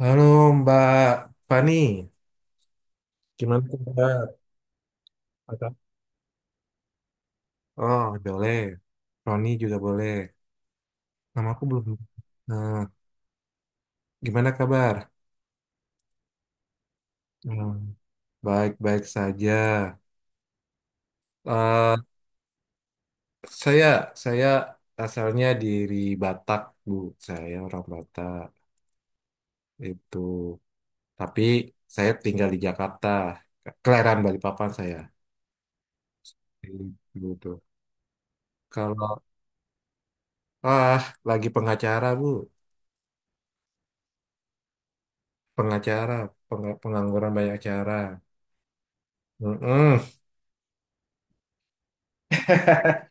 Halo Mbak Fani, gimana tuh Mbak? Ada? Oh, boleh. Roni juga boleh. Nama aku belum. Nah, gimana kabar? Hmm, baik-baik saja. Eh, saya saya asalnya dari Batak, Bu. Saya orang Batak itu. Tapi saya tinggal di Jakarta. Kelahiran Balikpapan saya. Gitu. Kalau ah lagi pengacara, Bu. Pengacara, pengangguran banyak cara. Mm-mm.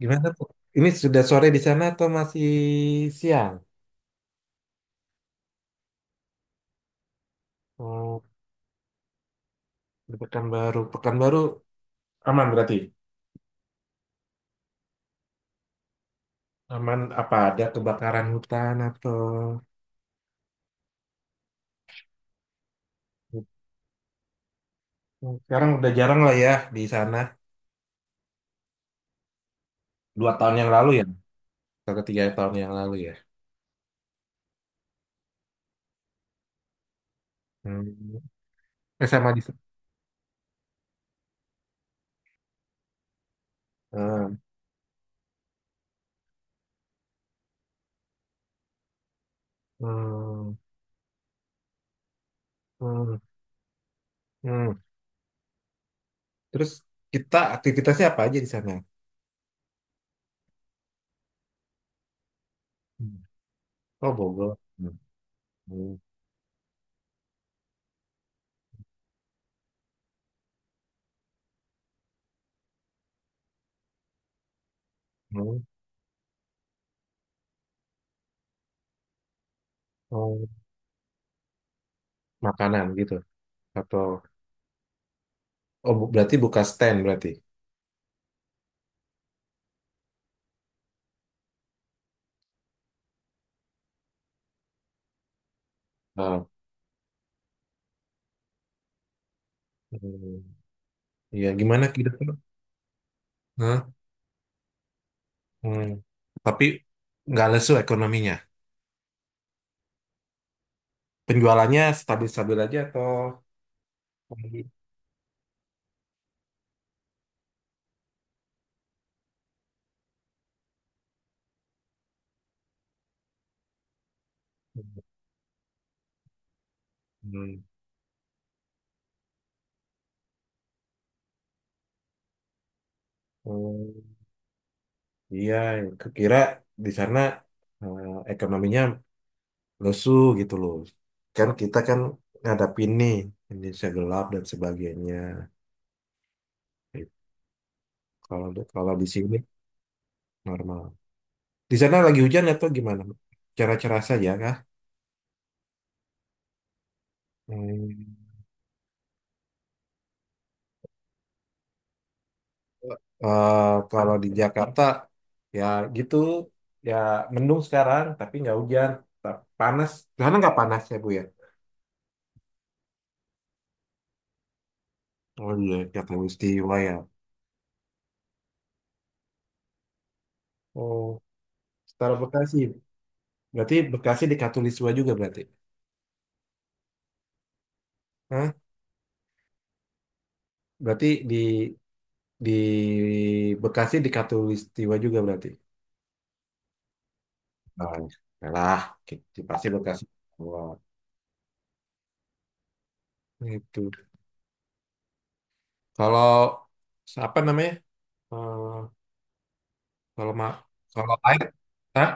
Gimana tuh? Ini sudah sore di sana atau masih siang? Oh, di Pekanbaru. Pekanbaru aman berarti? Aman apa ada kebakaran hutan atau... Sekarang udah jarang lah ya di sana. 2 tahun yang lalu ya? Atau 3 tahun yang lalu ya? Hmm. Eh, sama di sana. Hmm. Hmm. Hmm. Terus kita aktivitasnya apa aja di sana? Hmm. Oh, Bogor. Hmm. Hmm. Oh, makanan gitu atau oh berarti buka stand berarti. Ah, hmm, ya gimana gitu. Hah? Hmm. Tapi nggak lesu ekonominya, penjualannya stabil-stabil aja atau hmm. Oh, iya, kira di sana, eh, ekonominya lesu gitu loh, kan kita kan ngadapin nih Indonesia gelap dan sebagainya. Kalau Kalau di sini normal. Di sana lagi hujan atau gimana? Cerah-cerah saja kah? Hmm. Eh, kalau di Jakarta, ya gitu ya, mendung sekarang tapi nggak hujan. Panas. Di sana nggak panas ya Bu ya? Oh iya, Katulistiwa ya. Oh, setara Bekasi, berarti Bekasi di Katulistiwa juga berarti? Hah? Berarti di di Bekasi di Katulistiwa juga berarti? Oh, ya lah, pasti Bekasi. Wah, itu. Kalau apa namanya? Eh, kalau kalau air tak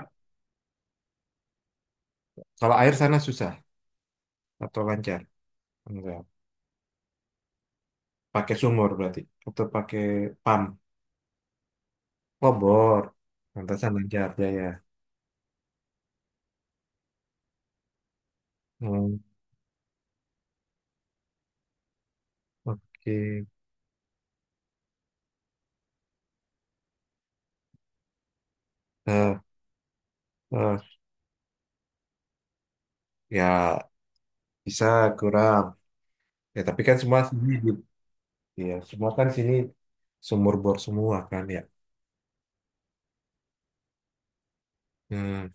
kalau air sana susah atau lancar, enggak? Pakai sumur berarti atau pakai pam? Oh, bor. Lantasan lancar jaya. Hmm, oke. Eh, eh, ya bisa kurang, ya tapi kan semua sini ya semua kan sini sumur bor semua kan ya? Hmm,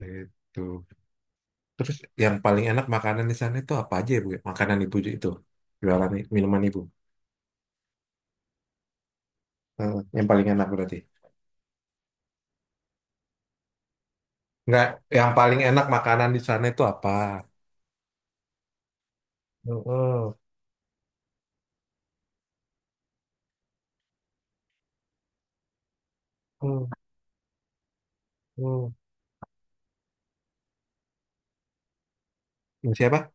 itu, terus yang paling enak makanan di sana itu apa aja ya Bu? Makanan ibu itu, jualan minuman ibu. Eh, yang paling enak berarti. Nggak, yang paling enak makanan di sana itu apa? Mm-mm. Mm, mm. Nasi apa?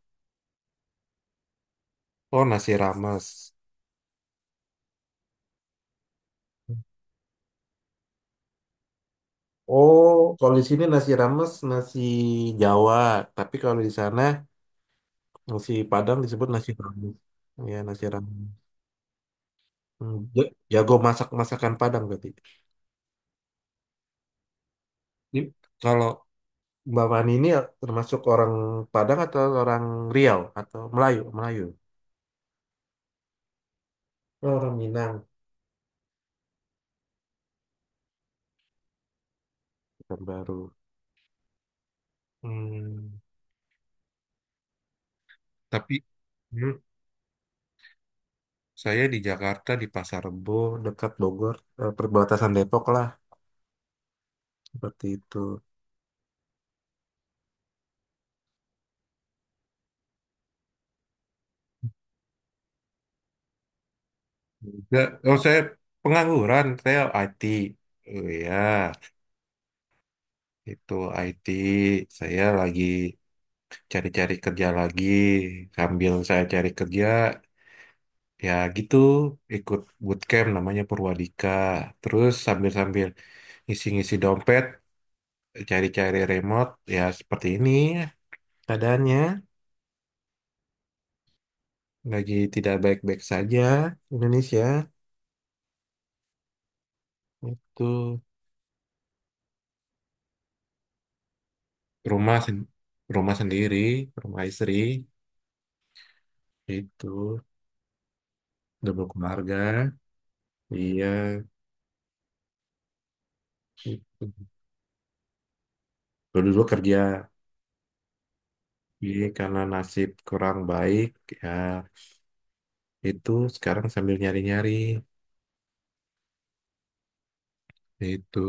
Oh, nasi rames. Oh, kalau di sini nasi rames nasi Jawa, tapi kalau di sana nasi Padang disebut nasi rames. Ya, nasi rames. Hmm, Jago masak masakan Padang berarti. Di- Kalau Mbak Fani ini termasuk orang Padang atau orang Riau atau Melayu? Melayu. Oh, orang Minang. Orang baru. Hmm, tapi hmm, saya di Jakarta, di Pasar Rebo, dekat Bogor, eh, perbatasan Depok lah, seperti itu. Ya, oh, saya pengangguran, saya IT. Oh ya, itu IT. Saya lagi cari-cari kerja lagi. Sambil saya cari kerja, ya gitu, ikut bootcamp namanya Purwadika. Terus sambil-sambil ngisi-ngisi dompet, cari-cari remote, ya seperti ini keadaannya. Lagi tidak baik-baik saja Indonesia. Itu rumah sen- rumah sendiri, rumah istri, itu double keluarga. Iya, itu dulu dulu kerja, jadi karena nasib kurang baik ya, itu sekarang sambil nyari nyari itu.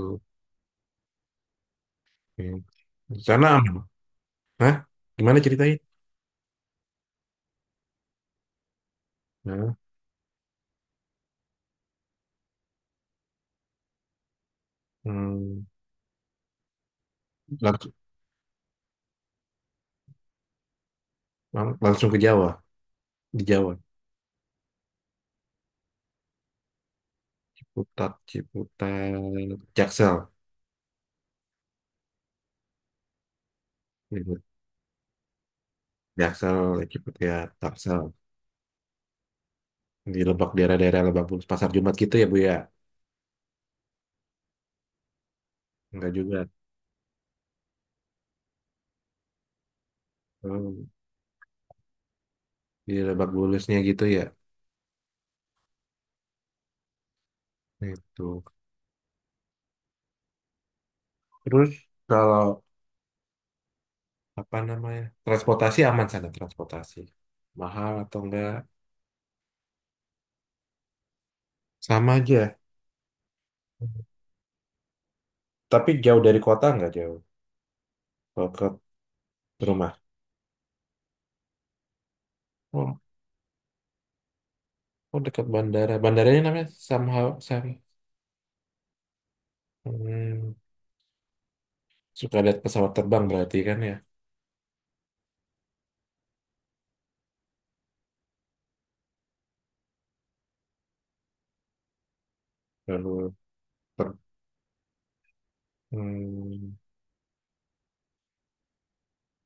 Hmm. Di sana aman. Hah? Gimana, ceritain. Nah. Hmm, langsung langsung ke Jawa, di Jawa. Ciputat, Ciputat Jaksel. Gitu. Jaksel, Ciputat ya, taksel di Lebak, daerah-daerah Lebak Bulus, Pasar Jumat gitu ya Bu ya? Enggak juga. Oh, di Lebak Bulusnya gitu ya? Itu, terus kalau apa namanya, transportasi aman sana, transportasi mahal atau enggak? Sama aja. Tapi jauh dari kota, enggak jauh kalau ke rumah? Oh, oh dekat bandara. Bandaranya namanya somehow Sam. Hmm, suka lihat pesawat terbang berarti kan ya? Lalu ter- hmm,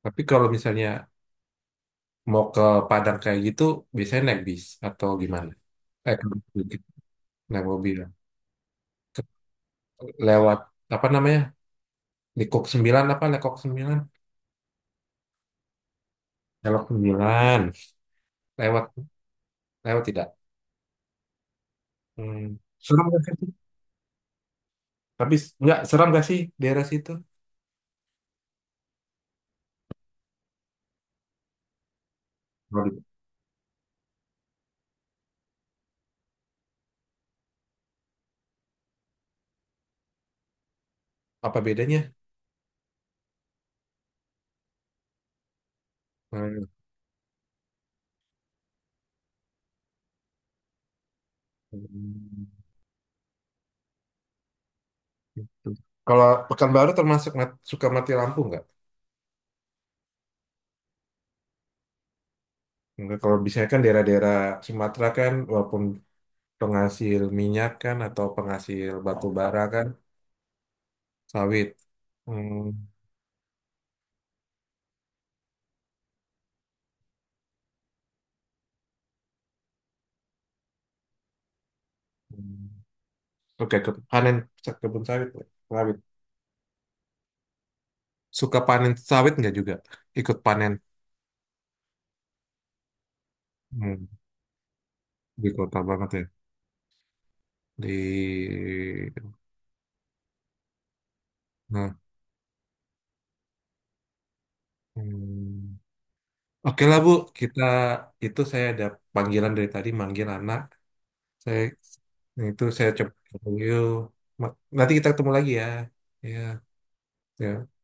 tapi kalau misalnya mau ke Padang kayak gitu, biasanya naik bis atau gimana? Eh, ke- naik mobil. Ke- Lewat apa namanya? Di Kok 9 apa? Lekok sembilan? Lekok sembilan. Lewat, lewat tidak. Hmm. Serem gak sih? Tapi nggak serem gak sih daerah situ? Waduh. Apa bedanya? Hmm. Gitu. Kalau Pekanbaru termasuk suka mati lampu nggak? Nggak, kalau biasanya kan daerah-daerah Sumatera kan walaupun penghasil minyak kan atau penghasil batu bara kan. Sawit. Hmm. Hmm. Oke, ke panen kebun sawit. Sawit. Suka panen sawit nggak juga? Ikut panen. Hmm. Di kota banget ya. Di nah. Hmm. Oke lah Bu, kita itu saya ada panggilan dari tadi manggil anak. Saya itu saya coba yuk. Nanti kita ketemu lagi ya. Ya, ya.